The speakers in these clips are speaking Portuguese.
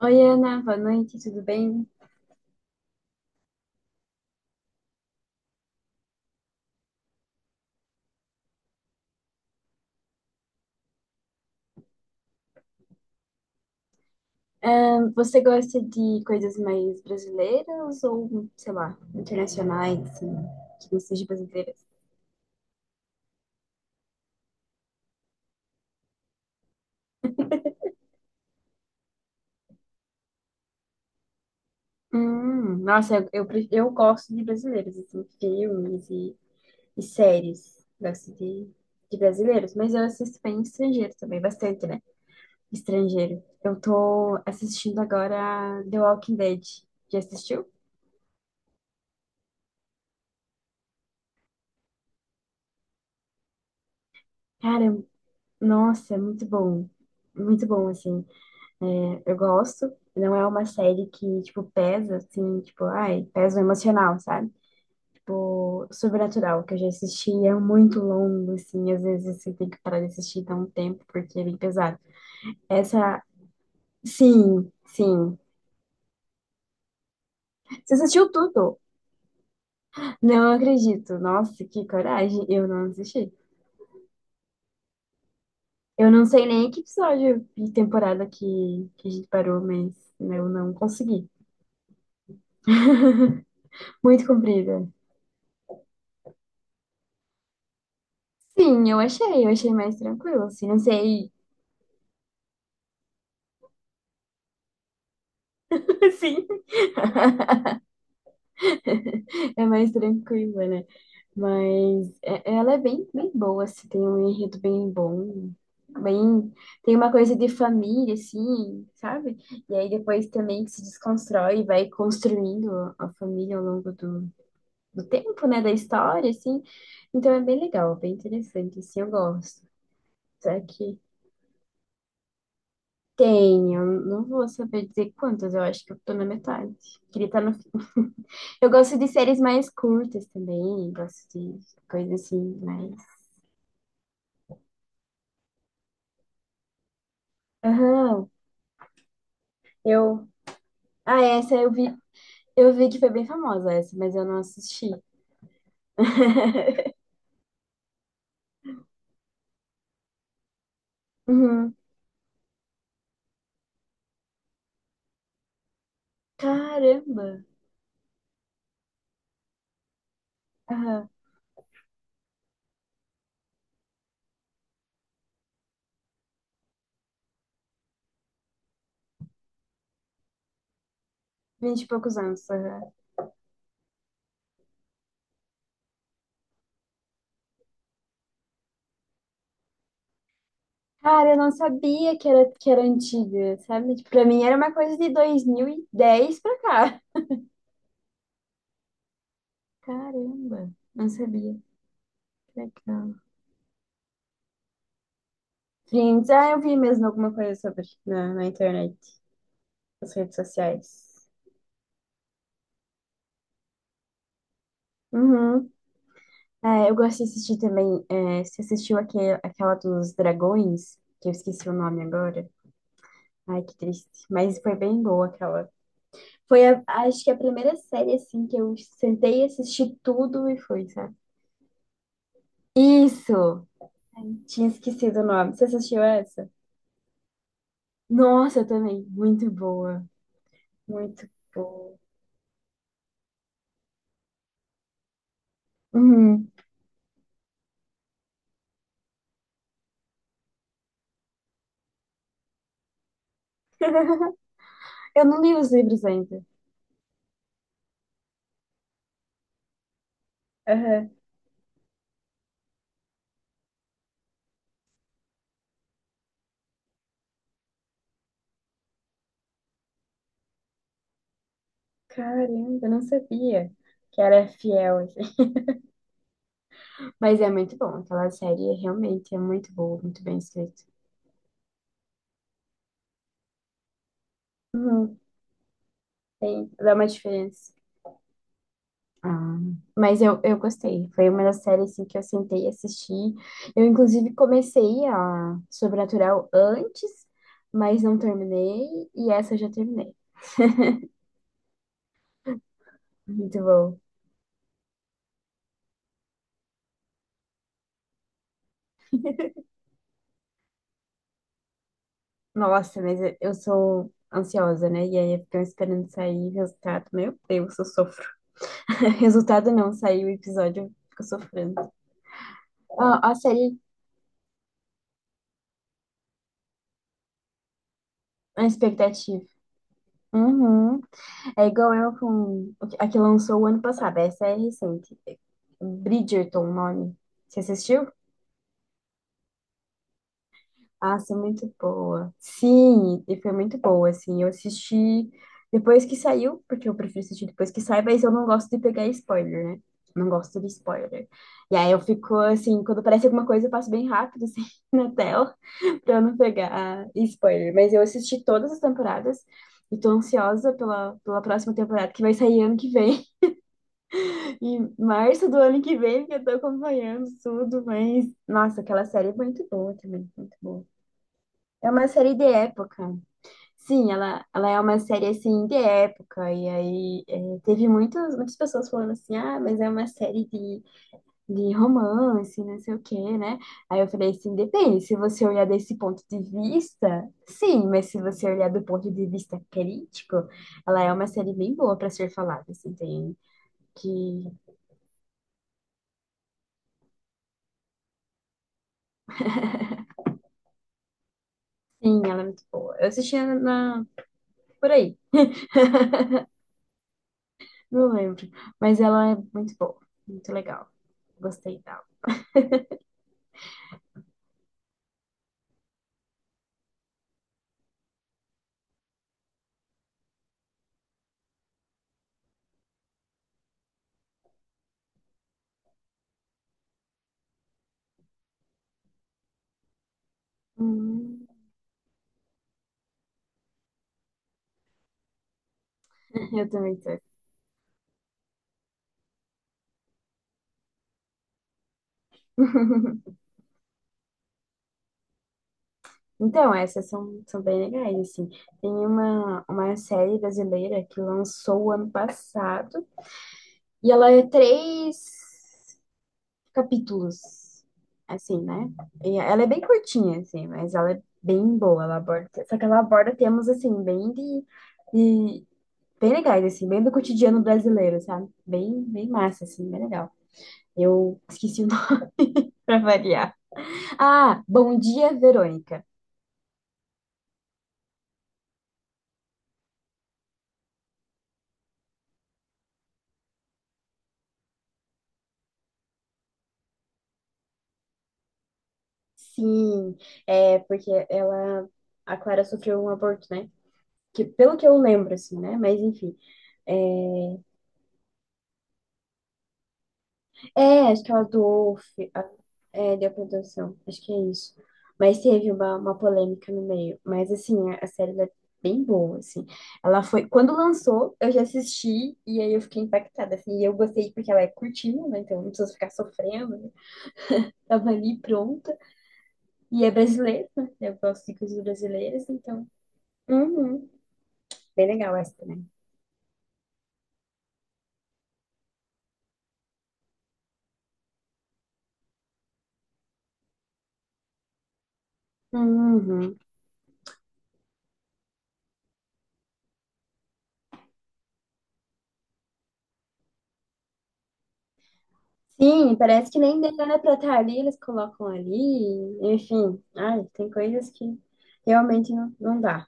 Oi, Ana, boa noite, tudo bem? Você gosta de coisas mais brasileiras ou, sei lá, internacionais, assim, que não sejam brasileiras? Nossa, eu eu gosto de brasileiros, assim, filmes e séries. Gosto de brasileiros, mas eu assisto bem estrangeiro também, bastante, né? Estrangeiro. Eu tô assistindo agora The Walking Dead. Já assistiu? Cara, nossa, é muito bom. Muito bom, assim. Eu gosto. Não é uma série que, tipo, pesa, assim, tipo, ai, pesa o emocional, sabe? Tipo, Sobrenatural, que eu já assisti, é muito longo, assim, às vezes você tem que parar de assistir dá um tempo, porque é bem pesado. Essa, sim, sim. Você assistiu tudo? Não acredito. Nossa, que coragem. Eu não assisti. Eu não sei nem que episódio e temporada que a gente parou, mas eu não consegui. Muito comprida. Sim, eu achei mais tranquilo, assim, não sei. Sim, é mais tranquila, né? Mas ela é bem, bem boa, assim, tem um enredo bem bom, bem, tem uma coisa de família, assim, sabe? E aí depois também se desconstrói e vai construindo a família ao longo do tempo, né? Da história, assim. Então é bem legal, bem interessante, assim, eu gosto. Só que tem, eu não vou saber dizer quantas, eu acho que eu tô na metade. Queria estar no fim. Eu gosto de séries mais curtas também, gosto de coisas assim, mais. Aham, eu. Ah, essa eu vi que foi bem famosa essa, mas eu não assisti. Uhum. Caramba! Aham, vinte e poucos anos. Aham. Cara, eu não sabia que era antiga, sabe? Tipo, pra mim era uma coisa de 2010 pra cá. Caramba! Não sabia. Que legal. Friends, ah, eu vi mesmo alguma coisa sobre na internet, nas redes sociais. Uhum. É, eu gosto de assistir também. É, você assistiu aquele, aquela dos dragões, que eu esqueci o nome agora. Ai, que triste. Mas foi bem boa aquela. Foi, acho que a primeira série, assim, que eu sentei e assisti tudo e foi, sabe? Isso! Ai, tinha esquecido o nome. Você assistiu essa? Nossa, eu também. Muito boa. Muito boa. Uhum. Eu não li os livros ainda. Aham. Caramba, eu não sabia que era fiel. Mas é muito bom, aquela série realmente é muito boa, muito bem escrita. Uhum, tem, dá uma diferença. Ah, mas eu gostei. Foi uma das séries assim, que eu sentei e assisti. Eu, inclusive, comecei a Sobrenatural antes, mas não terminei. E essa eu já terminei. Muito bom. Nossa, mas eu sou ansiosa, né? E aí eu fico esperando sair o resultado. Meu Deus, eu sofro. Resultado não, saiu o episódio, eu fico sofrendo. Ah, a série, a expectativa. Uhum. É igual eu com a que lançou o ano passado, essa é recente. Bridgerton, o nome. Você assistiu? Nossa, muito boa. Sim, e foi muito boa, assim. Eu assisti depois que saiu, porque eu prefiro assistir depois que sai, mas eu não gosto de pegar spoiler, né? Não gosto de spoiler. E aí eu fico assim, quando aparece alguma coisa, eu passo bem rápido, assim, na tela, pra eu não pegar spoiler. Mas eu assisti todas as temporadas e tô ansiosa pela próxima temporada, que vai sair ano que vem. Em março do ano que vem, que eu tô acompanhando tudo, mas. Nossa, aquela série é muito boa também, muito boa. É uma série de época. Sim, ela é uma série assim de época. E aí é, teve muitas, muitas pessoas falando assim, ah, mas é uma série de romance, não sei o quê, né? Aí eu falei assim, depende, se você olhar desse ponto de vista, sim, mas se você olhar do ponto de vista crítico, ela é uma série bem boa para ser falada, assim, tem. Que Sim, ela é muito boa. Eu assistia por aí, não lembro. Mas ela é muito boa, muito legal. Gostei dela. Hum, eu também tô. Então, essas são bem legais, assim. Tem uma série brasileira que lançou ano passado, e ela é três capítulos, assim, né? E ela é bem curtinha, assim, mas ela é bem boa. Ela aborda, só que ela aborda temas, assim, bem de- bem legais, assim, bem do cotidiano brasileiro, sabe? Bem, bem massa, assim, bem legal. Eu esqueci o nome pra variar. Ah, Bom Dia, Verônica. Sim, é porque ela, a Clara sofreu um aborto, né? Que, pelo que eu lembro, assim, né? Mas enfim. É, é, acho que ela doou, deu produção, acho que é isso. Mas teve uma polêmica no meio. Mas, assim, a série ela é bem boa, assim. Quando lançou, eu já assisti e aí eu fiquei impactada, assim. E eu gostei porque ela é curtinha, né? Então não precisa ficar sofrendo, né? Tava ali pronta. E é brasileira, né? Eu gosto de coisas brasileiras, então. Uhum. Bem legal essa também. Uhum. Sim, parece que nem dele era pra estar ali, eles colocam ali, enfim. Ai, tem coisas que realmente não, não dá.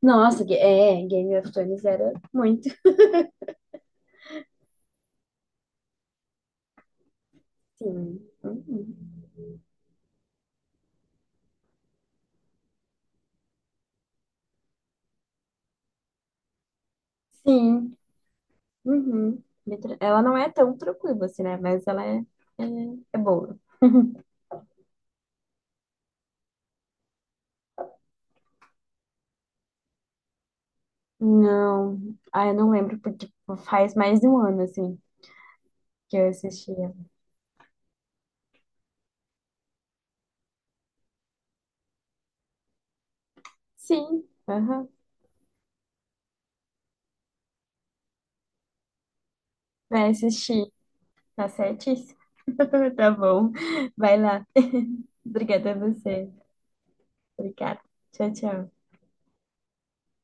Nossa, Game of Thrones era muito. Sim. Uhum. Sim. Uhum. Ela não é tão tranquila assim, né? Mas ela é, é boa. Não. Ah, eu não lembro, porque tipo, faz mais de um ano, assim, que eu assisti ela. Sim, aham. Vai assistir. Tá certíssimo. Tá bom. Vai lá. Obrigada a você. Obrigada. Tchau, tchau.